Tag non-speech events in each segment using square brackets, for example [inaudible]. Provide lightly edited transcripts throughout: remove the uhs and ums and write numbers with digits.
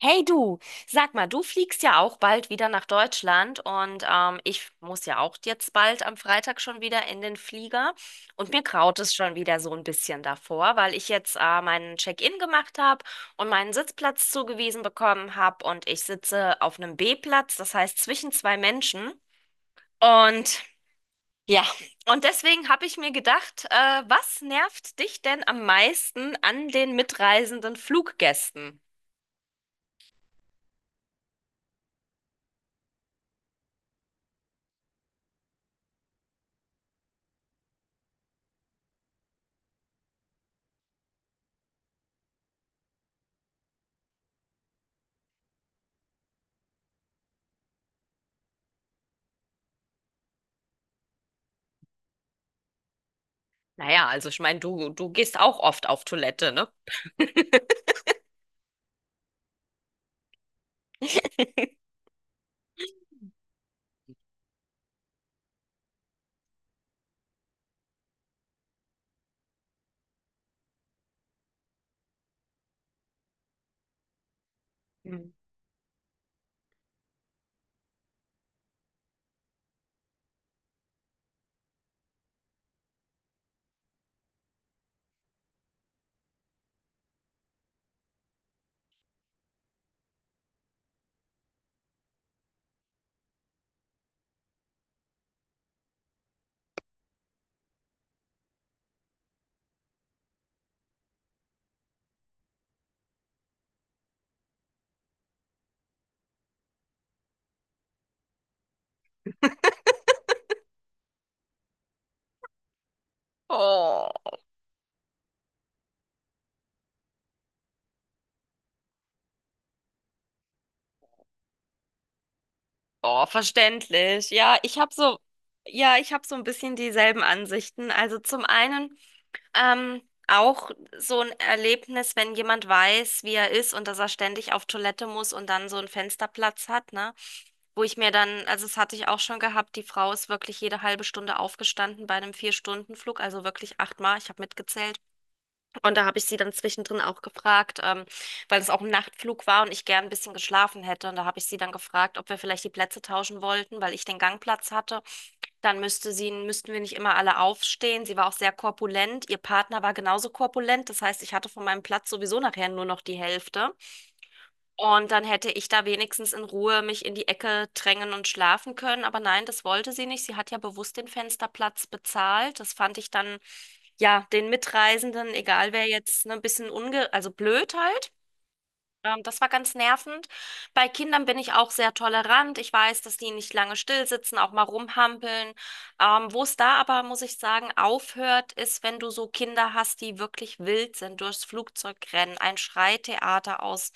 Hey du, sag mal, du fliegst ja auch bald wieder nach Deutschland und ich muss ja auch jetzt bald am Freitag schon wieder in den Flieger und mir graut es schon wieder so ein bisschen davor, weil ich jetzt meinen Check-in gemacht habe und meinen Sitzplatz zugewiesen bekommen habe und ich sitze auf einem B-Platz, das heißt zwischen zwei Menschen und ja, und deswegen habe ich mir gedacht, was nervt dich denn am meisten an den mitreisenden Fluggästen? Naja, also ich meine, du gehst auch oft auf Toilette, ne? [laughs] Hm. Oh, oh, verständlich. Ja, ich habe so ein bisschen dieselben Ansichten. Also zum einen Ähm, auch so ein Erlebnis, wenn jemand weiß, wie er ist und dass er ständig auf Toilette muss und dann so einen Fensterplatz hat, ne? Wo ich mir dann, also das hatte ich auch schon gehabt, die Frau ist wirklich jede halbe Stunde aufgestanden bei einem Vier-Stunden-Flug, also wirklich achtmal, ich habe mitgezählt. Und da habe ich sie dann zwischendrin auch gefragt, weil es auch ein Nachtflug war und ich gern ein bisschen geschlafen hätte. Und da habe ich sie dann gefragt, ob wir vielleicht die Plätze tauschen wollten, weil ich den Gangplatz hatte. Dann müssten wir nicht immer alle aufstehen. Sie war auch sehr korpulent. Ihr Partner war genauso korpulent. Das heißt, ich hatte von meinem Platz sowieso nachher nur noch die Hälfte. Und dann hätte ich da wenigstens in Ruhe mich in die Ecke drängen und schlafen können. Aber nein, das wollte sie nicht. Sie hat ja bewusst den Fensterplatz bezahlt. Das fand ich dann, ja, den Mitreisenden, egal wer jetzt, ne, ein bisschen also blöd halt. Das war ganz nervend. Bei Kindern bin ich auch sehr tolerant. Ich weiß, dass die nicht lange still sitzen, auch mal rumhampeln. Wo es da aber, muss ich sagen, aufhört, ist, wenn du so Kinder hast, die wirklich wild sind, durchs Flugzeug rennen, ein Schreitheater aus,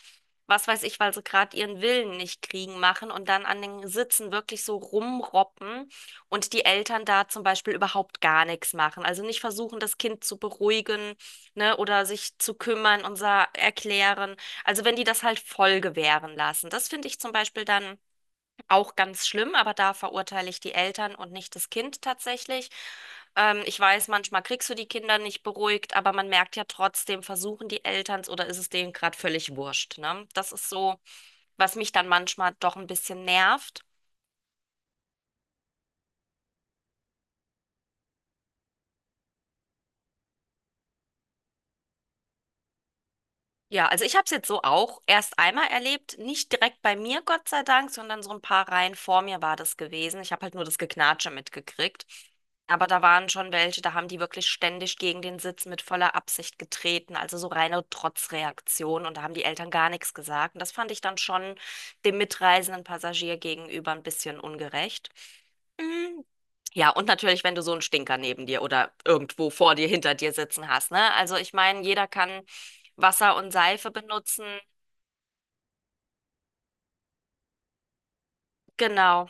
was weiß ich, weil sie gerade ihren Willen nicht kriegen machen und dann an den Sitzen wirklich so rumroppen und die Eltern da zum Beispiel überhaupt gar nichts machen. Also nicht versuchen, das Kind zu beruhigen, ne, oder sich zu kümmern und erklären. Also wenn die das halt voll gewähren lassen. Das finde ich zum Beispiel dann auch ganz schlimm, aber da verurteile ich die Eltern und nicht das Kind tatsächlich. Ich weiß, manchmal kriegst du die Kinder nicht beruhigt, aber man merkt ja trotzdem, versuchen die Elterns oder ist es denen gerade völlig wurscht, ne? Das ist so, was mich dann manchmal doch ein bisschen nervt. Ja, also ich habe es jetzt so auch erst einmal erlebt, nicht direkt bei mir, Gott sei Dank, sondern so ein paar Reihen vor mir war das gewesen. Ich habe halt nur das Geknatsche mitgekriegt. Aber da waren schon welche, da haben die wirklich ständig gegen den Sitz mit voller Absicht getreten, also so reine Trotzreaktion und da haben die Eltern gar nichts gesagt. Und das fand ich dann schon dem mitreisenden Passagier gegenüber ein bisschen ungerecht. Mm, ja, und natürlich, wenn du so einen Stinker neben dir oder irgendwo vor dir, hinter dir sitzen hast, ne? Also ich meine, jeder kann Wasser und Seife benutzen. Genau.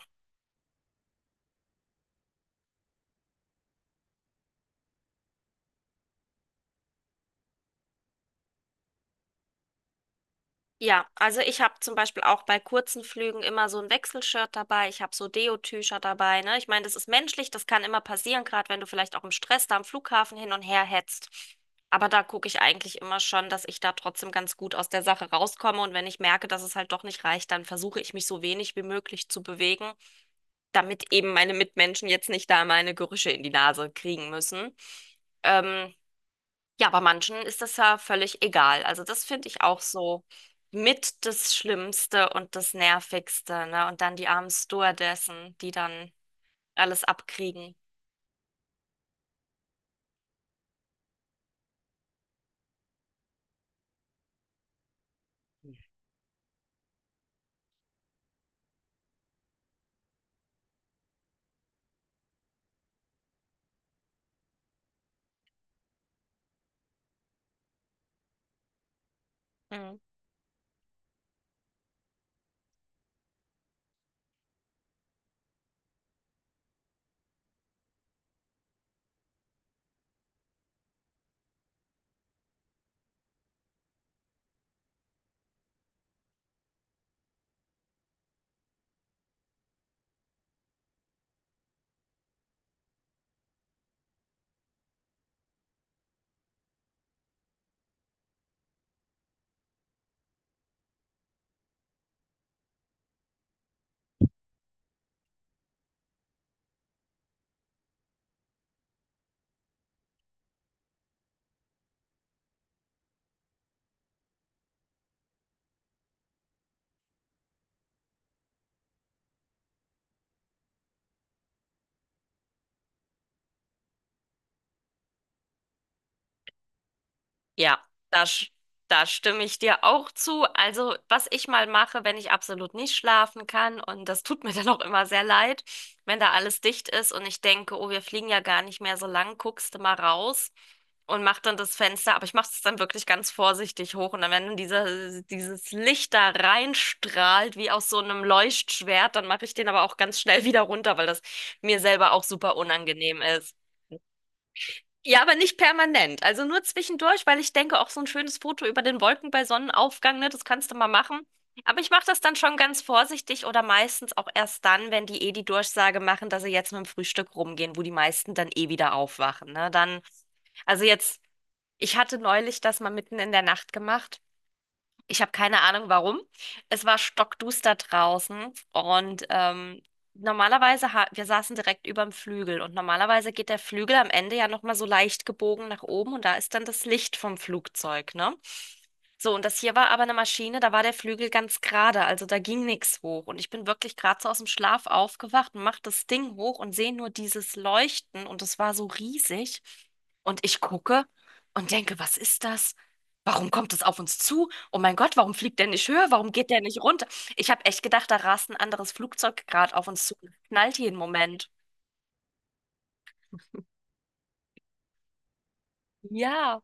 Ja, also ich habe zum Beispiel auch bei kurzen Flügen immer so ein Wechselshirt dabei. Ich habe so Deo-Tücher dabei, ne? Ich meine, das ist menschlich, das kann immer passieren, gerade wenn du vielleicht auch im Stress da am Flughafen hin und her hetzt. Aber da gucke ich eigentlich immer schon, dass ich da trotzdem ganz gut aus der Sache rauskomme. Und wenn ich merke, dass es halt doch nicht reicht, dann versuche ich mich so wenig wie möglich zu bewegen, damit eben meine Mitmenschen jetzt nicht da meine Gerüche in die Nase kriegen müssen. Ähm, ja, bei manchen ist das ja völlig egal. Also das finde ich auch so mit das Schlimmste und das Nervigste, ne? Und dann die armen Stewardessen, die dann alles abkriegen. Mhm. Ja, da, sch- da stimme ich dir auch zu. Also, was ich mal mache, wenn ich absolut nicht schlafen kann, und das tut mir [laughs] dann auch immer sehr leid, wenn da alles dicht ist und ich denke, oh, wir fliegen ja gar nicht mehr so lang, guckst du mal raus und mach dann das Fenster, aber ich mache es dann wirklich ganz vorsichtig hoch und dann, wenn dann dieses Licht da reinstrahlt, wie aus so einem Leuchtschwert, dann mache ich den aber auch ganz schnell [laughs] wieder runter, weil das mir selber auch super unangenehm ist. Ja, aber nicht permanent. Also nur zwischendurch, weil ich denke, auch so ein schönes Foto über den Wolken bei Sonnenaufgang, ne, das kannst du mal machen. Aber ich mache das dann schon ganz vorsichtig oder meistens auch erst dann, wenn die eh die Durchsage machen, dass sie jetzt mit dem Frühstück rumgehen, wo die meisten dann eh wieder aufwachen. Ne? Dann, also jetzt, ich hatte neulich das mal mitten in der Nacht gemacht. Ich habe keine Ahnung warum. Es war stockduster draußen und normalerweise, ha wir saßen direkt über dem Flügel und normalerweise geht der Flügel am Ende ja nochmal so leicht gebogen nach oben und da ist dann das Licht vom Flugzeug, ne? So, und das hier war aber eine Maschine, da war der Flügel ganz gerade, also da ging nichts hoch. Und ich bin wirklich gerade so aus dem Schlaf aufgewacht und mach das Ding hoch und sehe nur dieses Leuchten und es war so riesig. Und ich gucke und denke, was ist das? Warum kommt es auf uns zu? Oh mein Gott, warum fliegt der nicht höher? Warum geht der nicht runter? Ich habe echt gedacht, da rast ein anderes Flugzeug gerade auf uns zu und knallt jeden Moment. [laughs] Ja.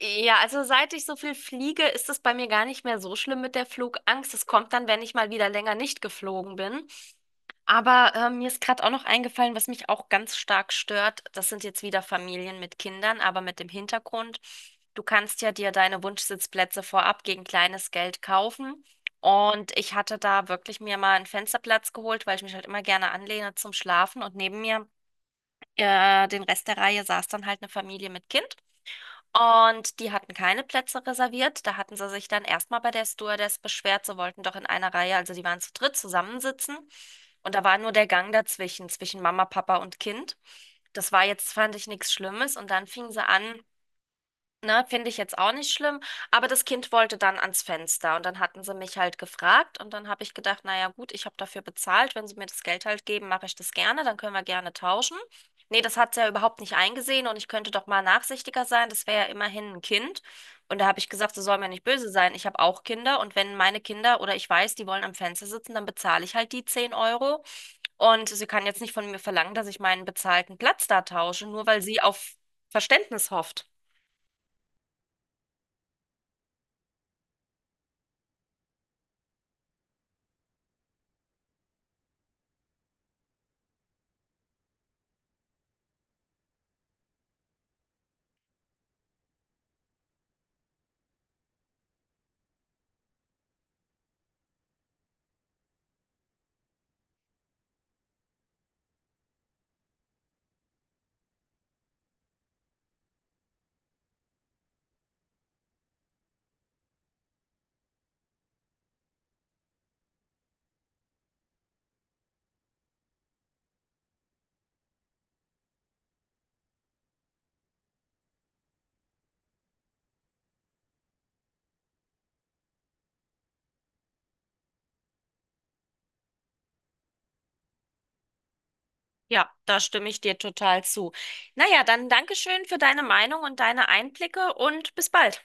Ja, also seit ich so viel fliege, ist es bei mir gar nicht mehr so schlimm mit der Flugangst. Es kommt dann, wenn ich mal wieder länger nicht geflogen bin. Aber mir ist gerade auch noch eingefallen, was mich auch ganz stark stört. Das sind jetzt wieder Familien mit Kindern, aber mit dem Hintergrund, du kannst ja dir deine Wunschsitzplätze vorab gegen kleines Geld kaufen. Und ich hatte da wirklich mir mal einen Fensterplatz geholt, weil ich mich halt immer gerne anlehne zum Schlafen. Und neben mir, den Rest der Reihe, saß dann halt eine Familie mit Kind. Und die hatten keine Plätze reserviert. Da hatten sie sich dann erstmal bei der Stewardess beschwert. Sie wollten doch in einer Reihe, also die waren zu dritt zusammensitzen. Und da war nur der Gang dazwischen, zwischen Mama, Papa und Kind. Das war jetzt, fand ich, nichts Schlimmes. Und dann fingen sie an, ne, finde ich jetzt auch nicht schlimm, aber das Kind wollte dann ans Fenster und dann hatten sie mich halt gefragt und dann habe ich gedacht, naja gut, ich habe dafür bezahlt, wenn sie mir das Geld halt geben, mache ich das gerne, dann können wir gerne tauschen. Nee, das hat sie ja überhaupt nicht eingesehen und ich könnte doch mal nachsichtiger sein, das wäre ja immerhin ein Kind. Und da habe ich gesagt, sie soll mir nicht böse sein, ich habe auch Kinder und wenn meine Kinder oder ich weiß, die wollen am Fenster sitzen, dann bezahle ich halt die 10 Euro. Und sie kann jetzt nicht von mir verlangen, dass ich meinen bezahlten Platz da tausche, nur weil sie auf Verständnis hofft. Ja, da stimme ich dir total zu. Naja, dann Dankeschön für deine Meinung und deine Einblicke und bis bald.